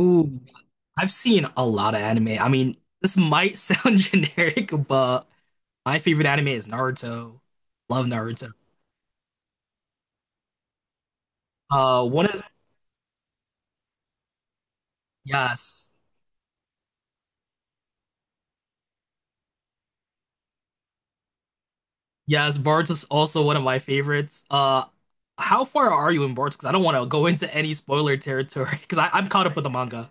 Ooh, I've seen a lot of anime. I mean, this might sound generic, but my favorite anime is Naruto. Love Naruto. One of yes, yes, Boruto's also one of my favorites. How far are you in Boruto? Because I don't want to go into any spoiler territory because I'm caught up with the manga.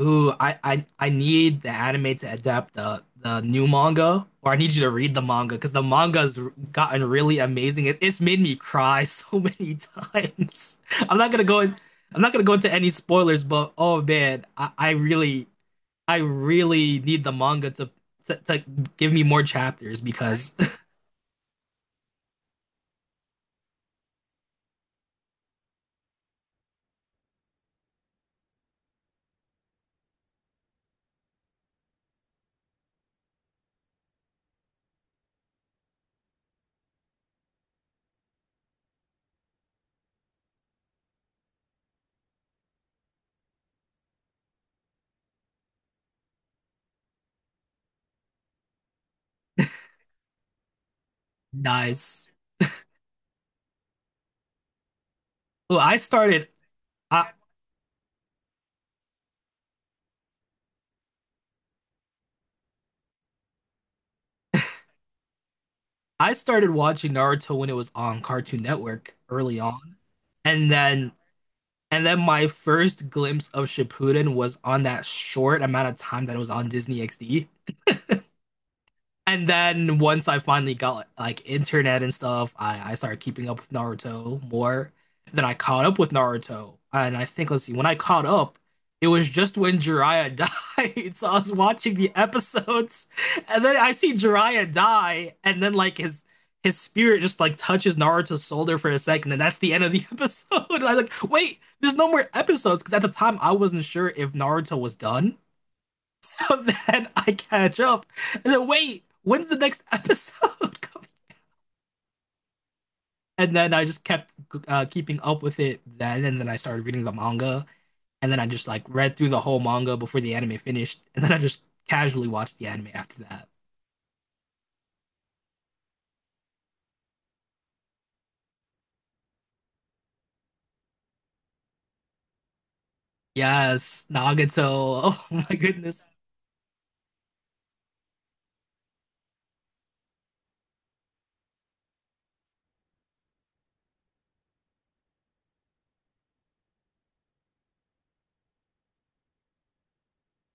Ooh, I need the anime to adapt the new manga, or I need you to read the manga because the manga's gotten really amazing. It's made me cry so many times. I'm not gonna go in, I'm not gonna go into any spoilers, but oh man, I really need the manga to give me more chapters because nice. Well, I I started watching Naruto when it was on Cartoon Network early on. And then And then my first glimpse of Shippuden was on that short amount of time that it was on Disney XD. And then once I finally got like internet and stuff, I started keeping up with Naruto more. Then I caught up with Naruto. And I think, let's see, when I caught up, it was just when Jiraiya died. So I was watching the episodes, and then I see Jiraiya die, and then like his spirit just like touches Naruto's shoulder for a second, and that's the end of the episode. I was like, wait, there's no more episodes, because at the time I wasn't sure if Naruto was done. So then I catch up. And then wait, when's the next episode coming? And then I just kept keeping up with it then, and then I started reading the manga, and then I just like read through the whole manga before the anime finished, and then I just casually watched the anime after that. Yes, Nagato. Oh my goodness.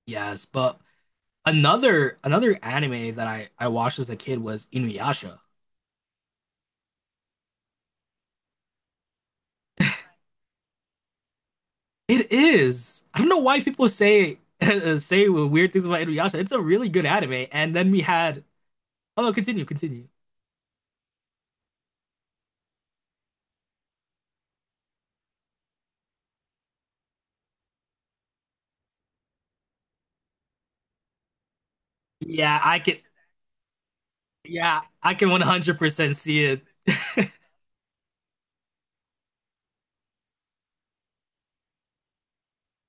Yes, but another anime that I watched as a kid was Inuyasha. It is. I don't know why people say say weird things about Inuyasha. It's a really good anime. And then we had oh, continue, continue. Yeah, I can. Yeah, I can 100% see it.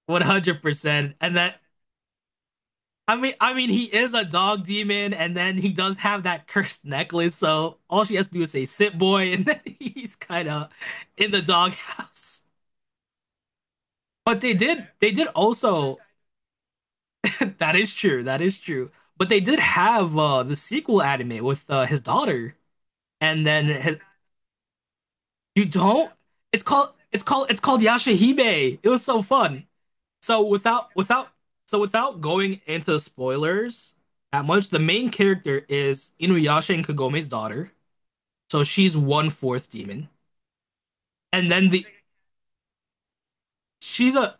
100%. And that I mean, he is a dog demon, and then he does have that cursed necklace. So all she has to do is say "sit boy," and then he's kind of in the doghouse. But they did also. That is true. That is true. But they did have the sequel anime with his daughter, and then his, you don't. It's called. It's called. It's called Yashahime. It was so fun. So without without so without going into spoilers that much, the main character is Inuyasha and Kagome's daughter. So she's one fourth demon, and then the she's a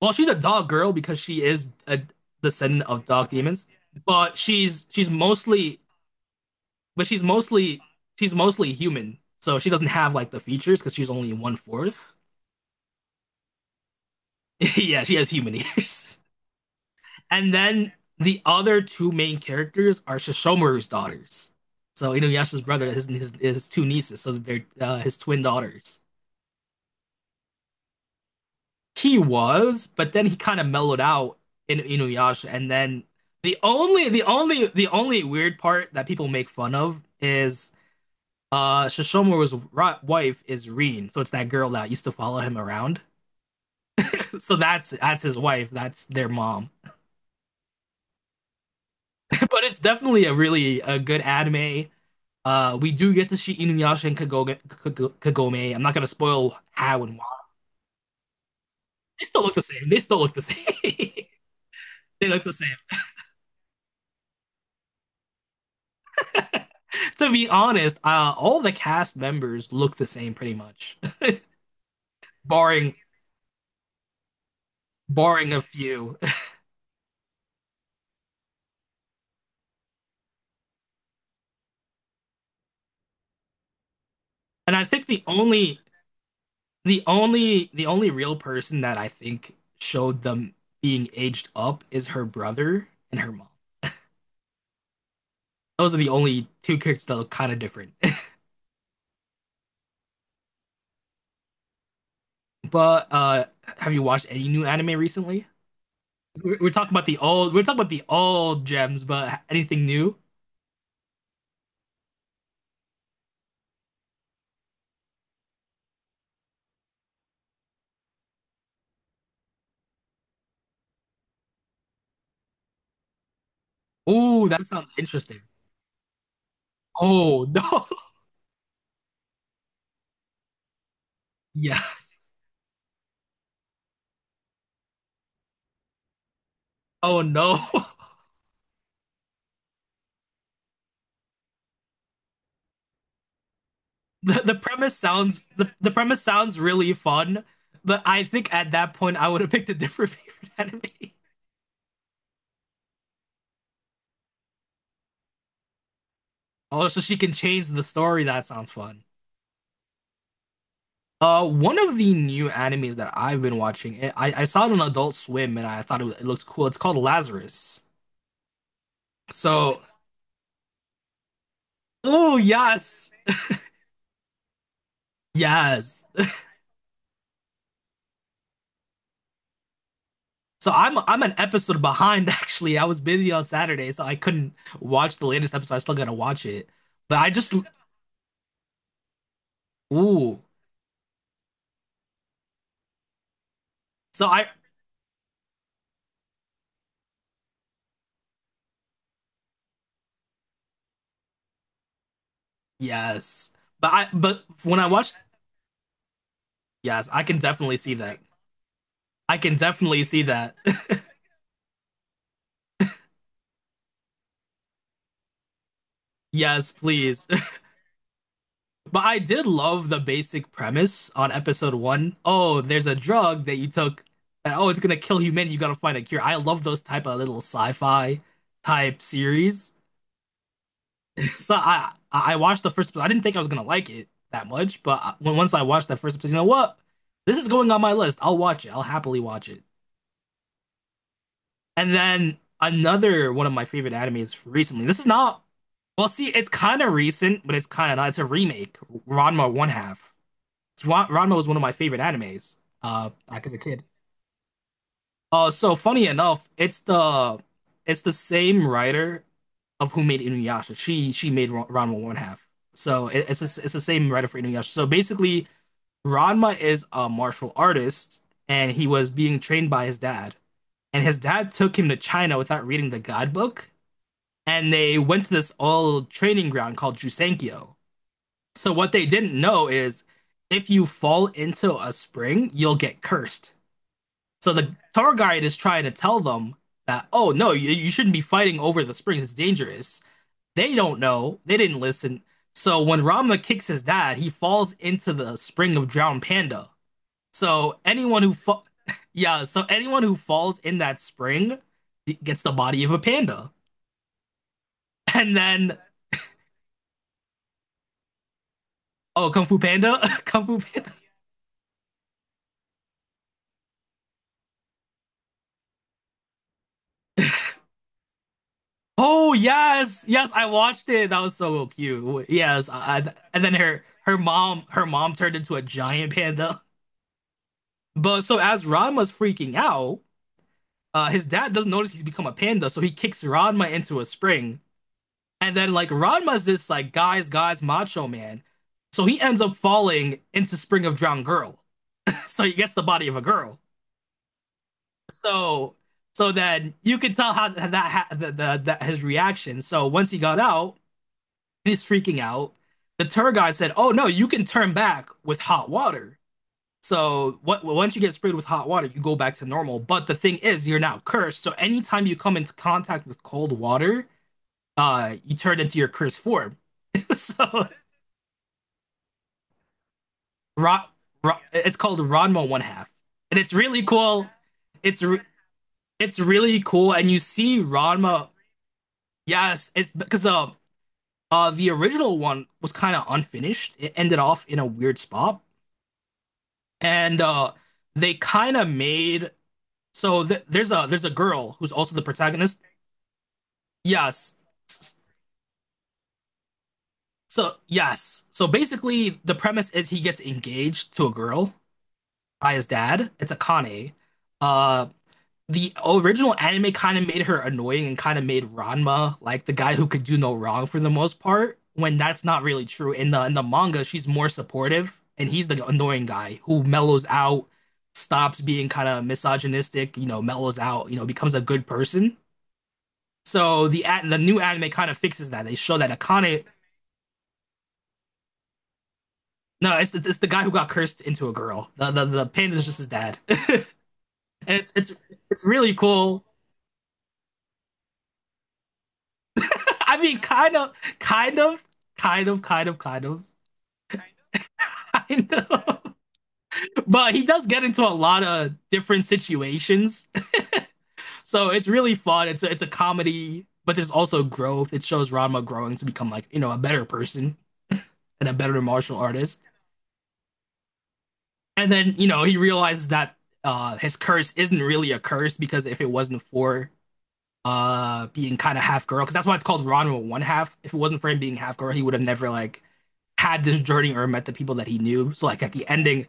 well she's a dog girl because she is a descendant of dog demons, but but she's mostly she's mostly human. So she doesn't have like the features because she's only one fourth. Yeah, she has human ears. And then the other two main characters are Shishomaru's daughters. So Inuyasha's brother, his two nieces, so they're his twin daughters. He was, but then he kind of mellowed out in Inuyasha, and then the only weird part that people make fun of is Shishomaru's wife is Reen, so it's that girl that used to follow him around. So that's his wife, that's their mom. but it's definitely a really a good anime. We do get to see Inuyasha and Kagome. I'm not gonna spoil how and why. They still look the same. They still look the same. They look the same. To be honest, all the cast members look the same pretty much, barring barring a few. And I think the only real person that I think showed them being aged up is her brother and her mom. Those are the only two characters that look kind of different. But have you watched any new anime recently? We're talking about the old. We're talking about the old gems, but anything new? Oh, that sounds interesting. Oh no. Yeah. Oh no. The premise sounds really fun, but I think at that point I would have picked a different favorite anime. Oh, so she can change the story. That sounds fun. One of the new animes that I've been watching, I saw it on Adult Swim and I thought it looked cool. It's called Lazarus. So, oh yes, yes, So I'm an episode behind actually. I was busy on Saturday, so I couldn't watch the latest episode. I still gotta watch it. But I just ooh. So I yes. But I but when I watched yes, I can definitely see that. I can definitely see that. Yes, please. But I did love the basic premise on episode one. Oh, there's a drug that you took and oh, it's gonna kill humanity. You gotta find a cure. I love those type of little sci-fi type series. So I watched the first. I didn't think I was gonna like it that much, but when once I watched that first episode, you know what? This is going on my list. I'll watch it. I'll happily watch it. And then another one of my favorite animes recently. This is not. Well, see, it's kind of recent, but it's kind of not. It's a remake. Ranma One Half. Ranma was one of my favorite animes. Back as a kid. So funny enough, it's the same writer of who made Inuyasha. She made Ranma one half. So it's the same writer for Inuyasha. So basically, Ranma is a martial artist, and he was being trained by his dad. And his dad took him to China without reading the guidebook, and they went to this old training ground called Jusenkyo. So what they didn't know is, if you fall into a spring, you'll get cursed. So the tour guide is trying to tell them that, oh no, you shouldn't be fighting over the springs. It's dangerous. They don't know. They didn't listen. So when Rama kicks his dad, he falls into the spring of drowned panda. So anyone who fa yeah, so anyone who falls in that spring gets the body of a panda. And then oh, Kung Fu Panda, Kung Fu Panda. Oh yes, yes, I watched it. That was so cute. Yes, and then her mom turned into a giant panda. But so as Ranma's freaking out, his dad doesn't notice he's become a panda, so he kicks Ranma into a spring. And then like Ranma's this like macho man. So he ends up falling into Spring of Drowned Girl. so he gets the body of a girl. So so then you could tell how that, ha- the, his reaction. So once he got out, he's freaking out. The tour guide said, "Oh no, you can turn back with hot water." So once you get sprayed with hot water, you go back to normal. But the thing is, you're now cursed. So anytime you come into contact with cold water, you turn into your cursed form. so Ron, it's called Ranma One Half, and it's really cool. It's re- it's really cool, and you see Ranma. Yes, it's because the original one was kind of unfinished. It ended off in a weird spot, and they kind of made so there's a girl who's also the protagonist. Yes. S- So basically, the premise is he gets engaged to a girl by his dad. It's Akane. Uh, the original anime kind of made her annoying and kind of made Ranma like the guy who could do no wrong for the most part, when that's not really true. In the manga, she's more supportive and he's the annoying guy who mellows out, stops being kind of misogynistic, you know, mellows out, you know, becomes a good person. So the new anime kind of fixes that. They show that Akane no, it's the guy who got cursed into a girl. The panda is just his dad, and it's it's it's really cool. I mean, kind of, kind of, kind of, kind of, kind of, kind of. But he does get into a lot of different situations, so it's really fun. It's a comedy, but there's also growth. It shows Ranma growing to become like you know a better person and a better martial artist. And then you know he realizes that his curse isn't really a curse because if it wasn't for being kind of half girl because that's why it's called Ranma one half. If it wasn't for him being half girl, he would have never like had this journey or met the people that he knew. So like at the ending,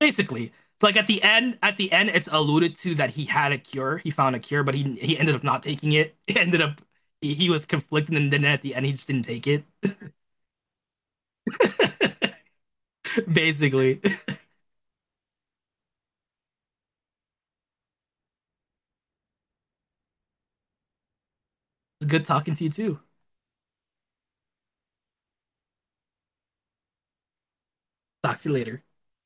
basically, it's like at the end, it's alluded to that he had a cure. He found a cure, but he ended up not taking it. He ended up he was conflicted, and then at the end, he just didn't take it. Basically, it's good talking to you too. Talk to you later.